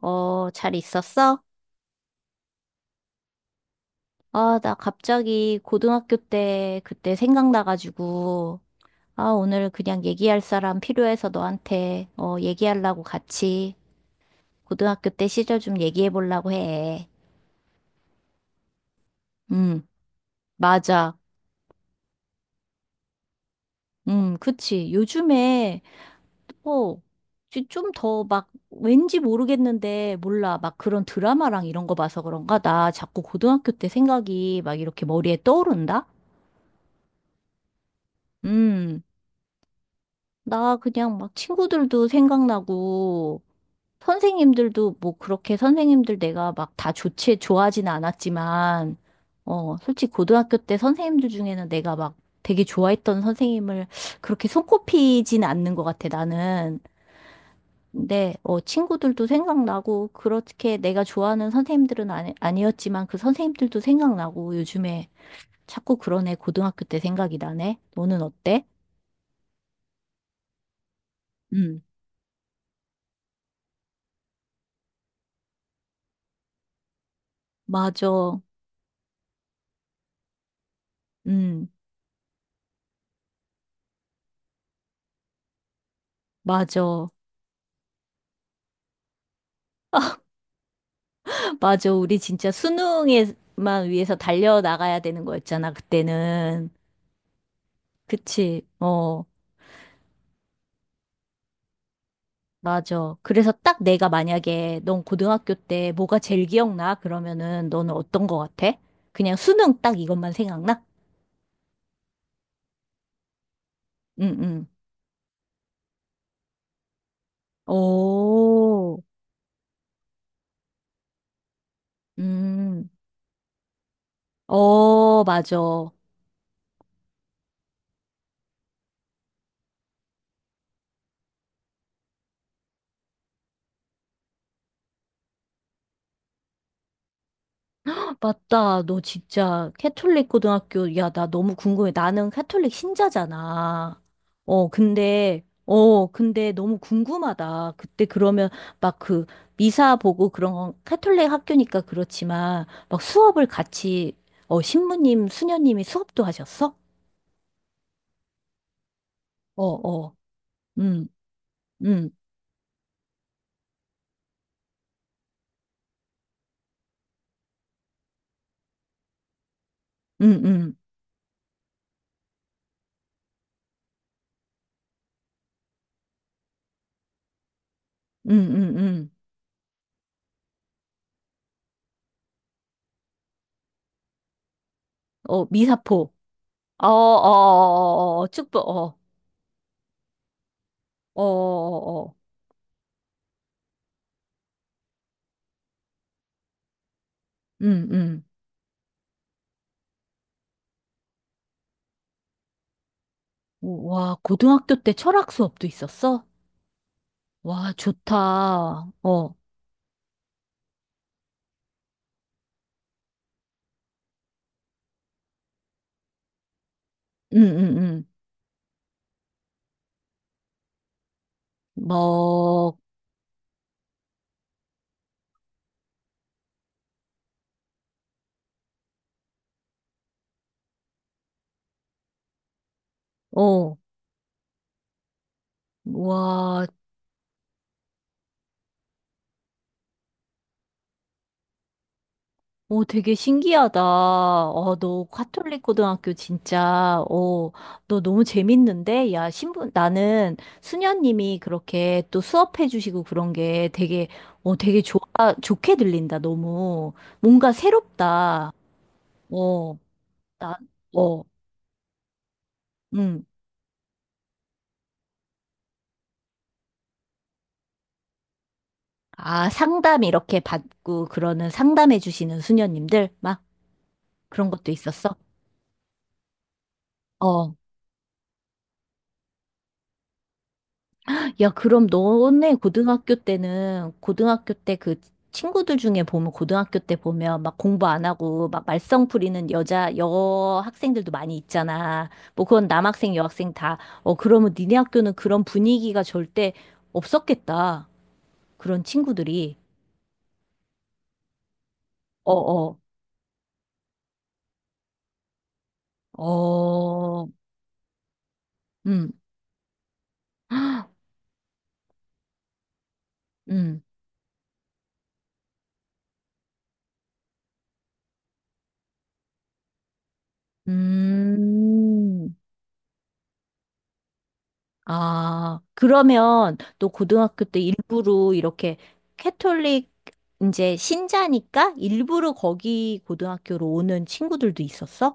어, 잘 있었어? 아, 나 갑자기 고등학교 때 그때 생각나가지고, 아, 오늘 그냥 얘기할 사람 필요해서 너한테, 얘기하려고 같이 고등학교 때 시절 좀 얘기해 보려고 해. 음, 맞아. 그치. 요즘에, 어, 좀 더 막, 왠지 모르겠는데, 몰라. 막 그런 드라마랑 이런 거 봐서 그런가? 나 자꾸 고등학교 때 생각이 막 이렇게 머리에 떠오른다? 음. 나 그냥 막 친구들도 생각나고, 선생님들도 뭐 그렇게 선생님들 내가 막 다 좋지, 좋아하진 않았지만, 솔직히 고등학교 때 선생님들 중에는 내가 막 되게 좋아했던 선생님을 그렇게 손꼽히진 않는 것 같아, 나는. 근데, 친구들도 생각나고, 그렇게 내가 좋아하는 선생님들은 아니, 아니었지만 그 선생님들도 생각나고, 요즘에 자꾸 그러네, 고등학교 때 생각이 나네. 너는 어때? 응, 맞아. 응, 맞아. 맞아. 우리 진짜 수능에만 위해서 달려나가야 되는 거였잖아, 그때는. 그치? 어, 맞아. 그래서 딱 내가 만약에 넌 고등학교 때 뭐가 제일 기억나? 그러면은 너는 어떤 거 같아? 그냥 수능 딱 이것만 생각나? 응, 응. 오, 음, 어, 맞아. 맞다. 너 진짜 캐톨릭 고등학교, 야, 나 너무 궁금해. 나는 캐톨릭 신자잖아. 어, 근데, 근데 너무 궁금하다. 그때 그러면 막 그 미사 보고 그런 건 캐톨릭 학교니까 그렇지만 막 수업을 같이, 신부님, 수녀님이 수업도 하셨어? 어, 어, 음, 음, 음, 음, 음, 음, 음. 어, 미사포. 어, 어, 어, 어, 어, 어, 축복, 어, 어, 어, 어, 어. 음, 음. 오, 와, 고등학교 때 철학 수업도 있었어? 와, 좋다. 어, 응, 응, 응. 뭐, 어, 와, 오, 되게 신기하다. 너 카톨릭 고등학교 진짜, 어, 너 너무 재밌는데? 야, 신부, 나는 수녀님이 그렇게 또 수업해 주시고 그런 게 되게, 되게 좋아, 좋게 들린다, 너무. 뭔가 새롭다. 어, 나, 어, 응. 아, 상담 이렇게 받고 그러는 상담해 주시는 수녀님들 막 그런 것도 있었어. 어. 야, 그럼 너네 고등학교 때는 고등학교 때 그 친구들 중에 보면 고등학교 때 보면 막 공부 안 하고 막 말썽 부리는 여자 여 학생들도 많이 있잖아. 뭐 그건 남학생 여학생 다. 어, 그러면 니네 학교는 그런 분위기가 절대 없었겠다. 그런 친구들이. 어, 어. 어. 음. 음. 음. 아, 그러면 또 고등학교 때 일부러 이렇게 캐톨릭 이제 신자니까 일부러 거기 고등학교로 오는 친구들도 있었어?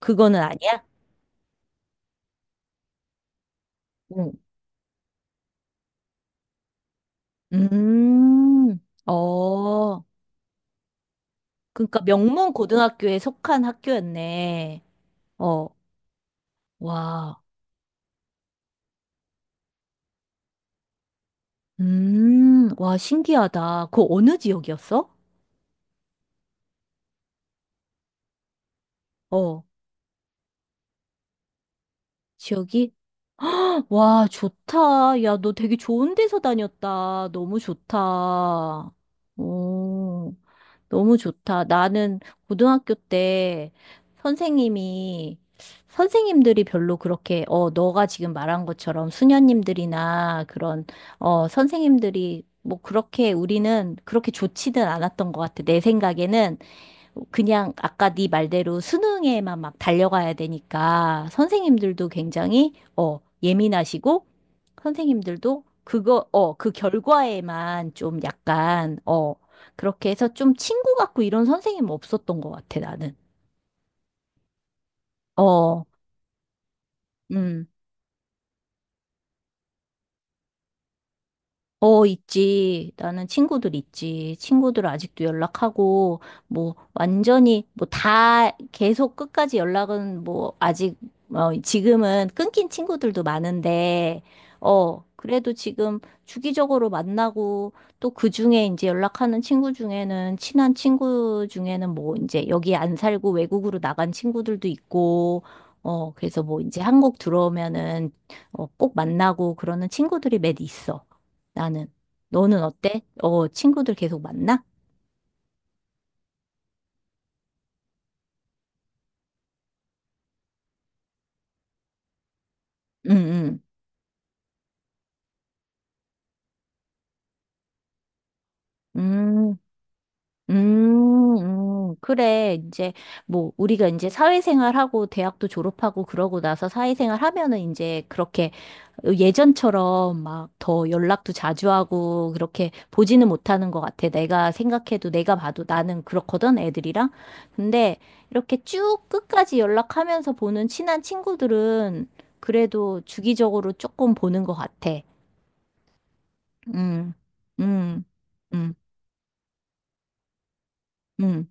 그거는 아니야? 응. 음, 어, 그러니까 명문 고등학교에 속한 학교였네. 어, 와, 와, 신기하다. 그 어느 지역이었어? 어, 지역이? 와, 좋다. 야, 너 되게 좋은 데서 다녔다. 너무 좋다. 오, 너무 좋다. 나는 고등학교 때 선생님이, 선생님들이 별로 그렇게, 너가 지금 말한 것처럼 수녀님들이나 그런, 선생님들이 뭐 그렇게 우리는 그렇게 좋지는 않았던 것 같아. 내 생각에는 그냥 아까 네 말대로 수능에만 막 달려가야 되니까 선생님들도 굉장히, 예민하시고, 선생님들도 그거, 그 결과에만 좀 약간, 어, 그렇게 해서 좀 친구 같고 이런 선생님 없었던 것 같아, 나는. 어, 음. 어, 있지. 나는 친구들 있지. 친구들 아직도 연락하고, 뭐, 완전히, 뭐, 다, 계속 끝까지 연락은, 뭐, 아직, 지금은 끊긴 친구들도 많은데, 그래도 지금 주기적으로 만나고, 또 그 중에 이제 연락하는 친구 중에는, 친한 친구 중에는 뭐, 이제 여기 안 살고 외국으로 나간 친구들도 있고, 그래서 뭐, 이제 한국 들어오면은, 꼭 만나고 그러는 친구들이 몇 있어. 나는. 너는 어때? 어, 친구들 계속 만나? 응, 응. 음, 음, 그래. 이제, 뭐, 우리가 이제 사회생활하고 대학도 졸업하고 그러고 나서 사회생활 하면은 이제 그렇게 예전처럼 막 더 연락도 자주 하고 그렇게 보지는 못하는 것 같아. 내가 생각해도 내가 봐도 나는 그렇거든, 애들이랑. 근데 이렇게 쭉 끝까지 연락하면서 보는 친한 친구들은 그래도 주기적으로 조금 보는 것 같아. 음, 음, 음, 음,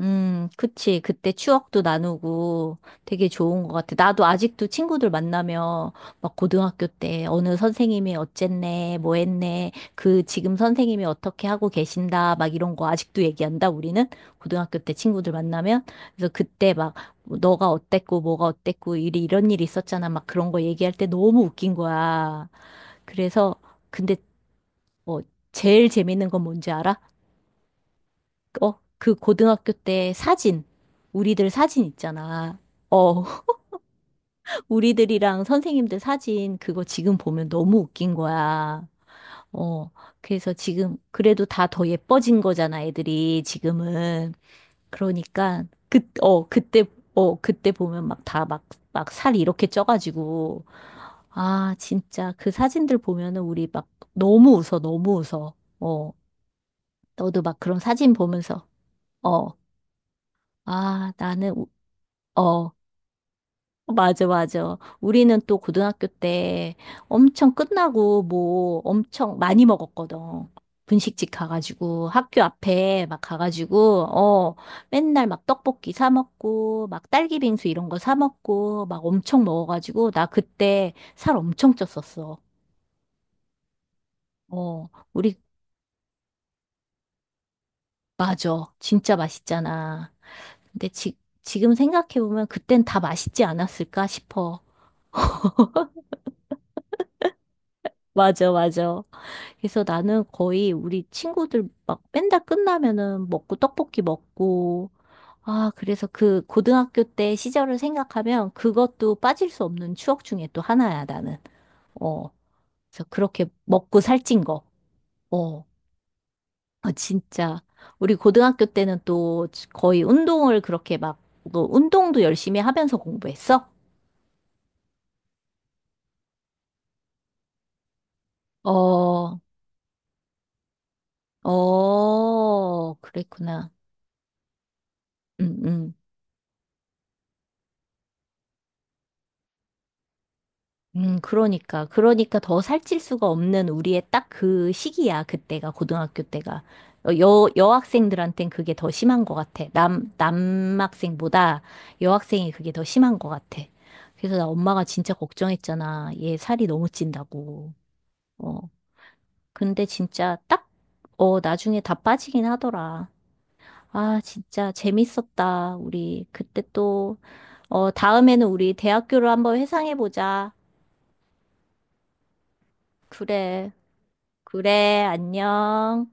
그치. 그때 추억도 나누고 되게 좋은 것 같아. 나도 아직도 친구들 만나면 막 고등학교 때 어느 선생님이 어쨌네, 뭐 했네, 그 지금 선생님이 어떻게 하고 계신다, 막 이런 거 아직도 얘기한다, 우리는? 고등학교 때 친구들 만나면? 그래서 그때 막 뭐 너가 어땠고, 뭐가 어땠고, 이리 이런 일이 있었잖아. 막 그런 거 얘기할 때 너무 웃긴 거야. 그래서, 근데 뭐, 제일 재밌는 건 뭔지 알아? 어, 그 고등학교 때 사진, 우리들 사진 있잖아. 어, 우리들이랑 선생님들 사진, 그거 지금 보면 너무 웃긴 거야. 어, 그래서 지금, 그래도 다 더 예뻐진 거잖아, 애들이 지금은. 그러니까, 그, 어, 그때, 그때 보면 막 다 막, 막 살 이렇게 쪄가지고. 아, 진짜, 그 사진들 보면은 우리 막 너무 웃어, 너무 웃어. 어, 너도 막 그런 사진 보면서, 어, 아, 나는, 우- 어, 어, 맞아, 맞아. 우리는 또 고등학교 때 엄청 끝나고 뭐 엄청 많이 먹었거든. 분식집 가가지고 학교 앞에 막 가가지고 어 맨날 막 떡볶이 사 먹고 막 딸기 빙수 이런 거 사 먹고 막 엄청 먹어가지고 나 그때 살 엄청 쪘었어. 어 우리 맞아. 진짜 맛있잖아. 근데 지, 지금 생각해보면 그땐 다 맛있지 않았을까 싶어. 맞아, 맞아. 그래서 나는 거의 우리 친구들 막 밴드 끝나면은 먹고 떡볶이 먹고 아 그래서 그 고등학교 때 시절을 생각하면 그것도 빠질 수 없는 추억 중에 또 하나야 나는 어 그래서 그렇게 먹고 살찐 거 어 아, 진짜 우리 고등학교 때는 또 거의 운동을 그렇게 막 너 운동도 열심히 하면서 공부했어? 어, 어, 그랬구나. 응, 응. 그러니까. 그러니까 더 살찔 수가 없는 우리의 딱 그 시기야. 그때가, 고등학교 때가. 여학생들한텐 그게 더 심한 것 같아. 남학생보다 여학생이 그게 더 심한 것 같아. 그래서 나 엄마가 진짜 걱정했잖아. 얘 살이 너무 찐다고. 어, 근데 진짜 딱, 나중에 다 빠지긴 하더라. 아, 진짜 재밌었다. 우리 그때 또, 다음에는 우리 대학교를 한번 회상해보자. 그래. 그래, 안녕.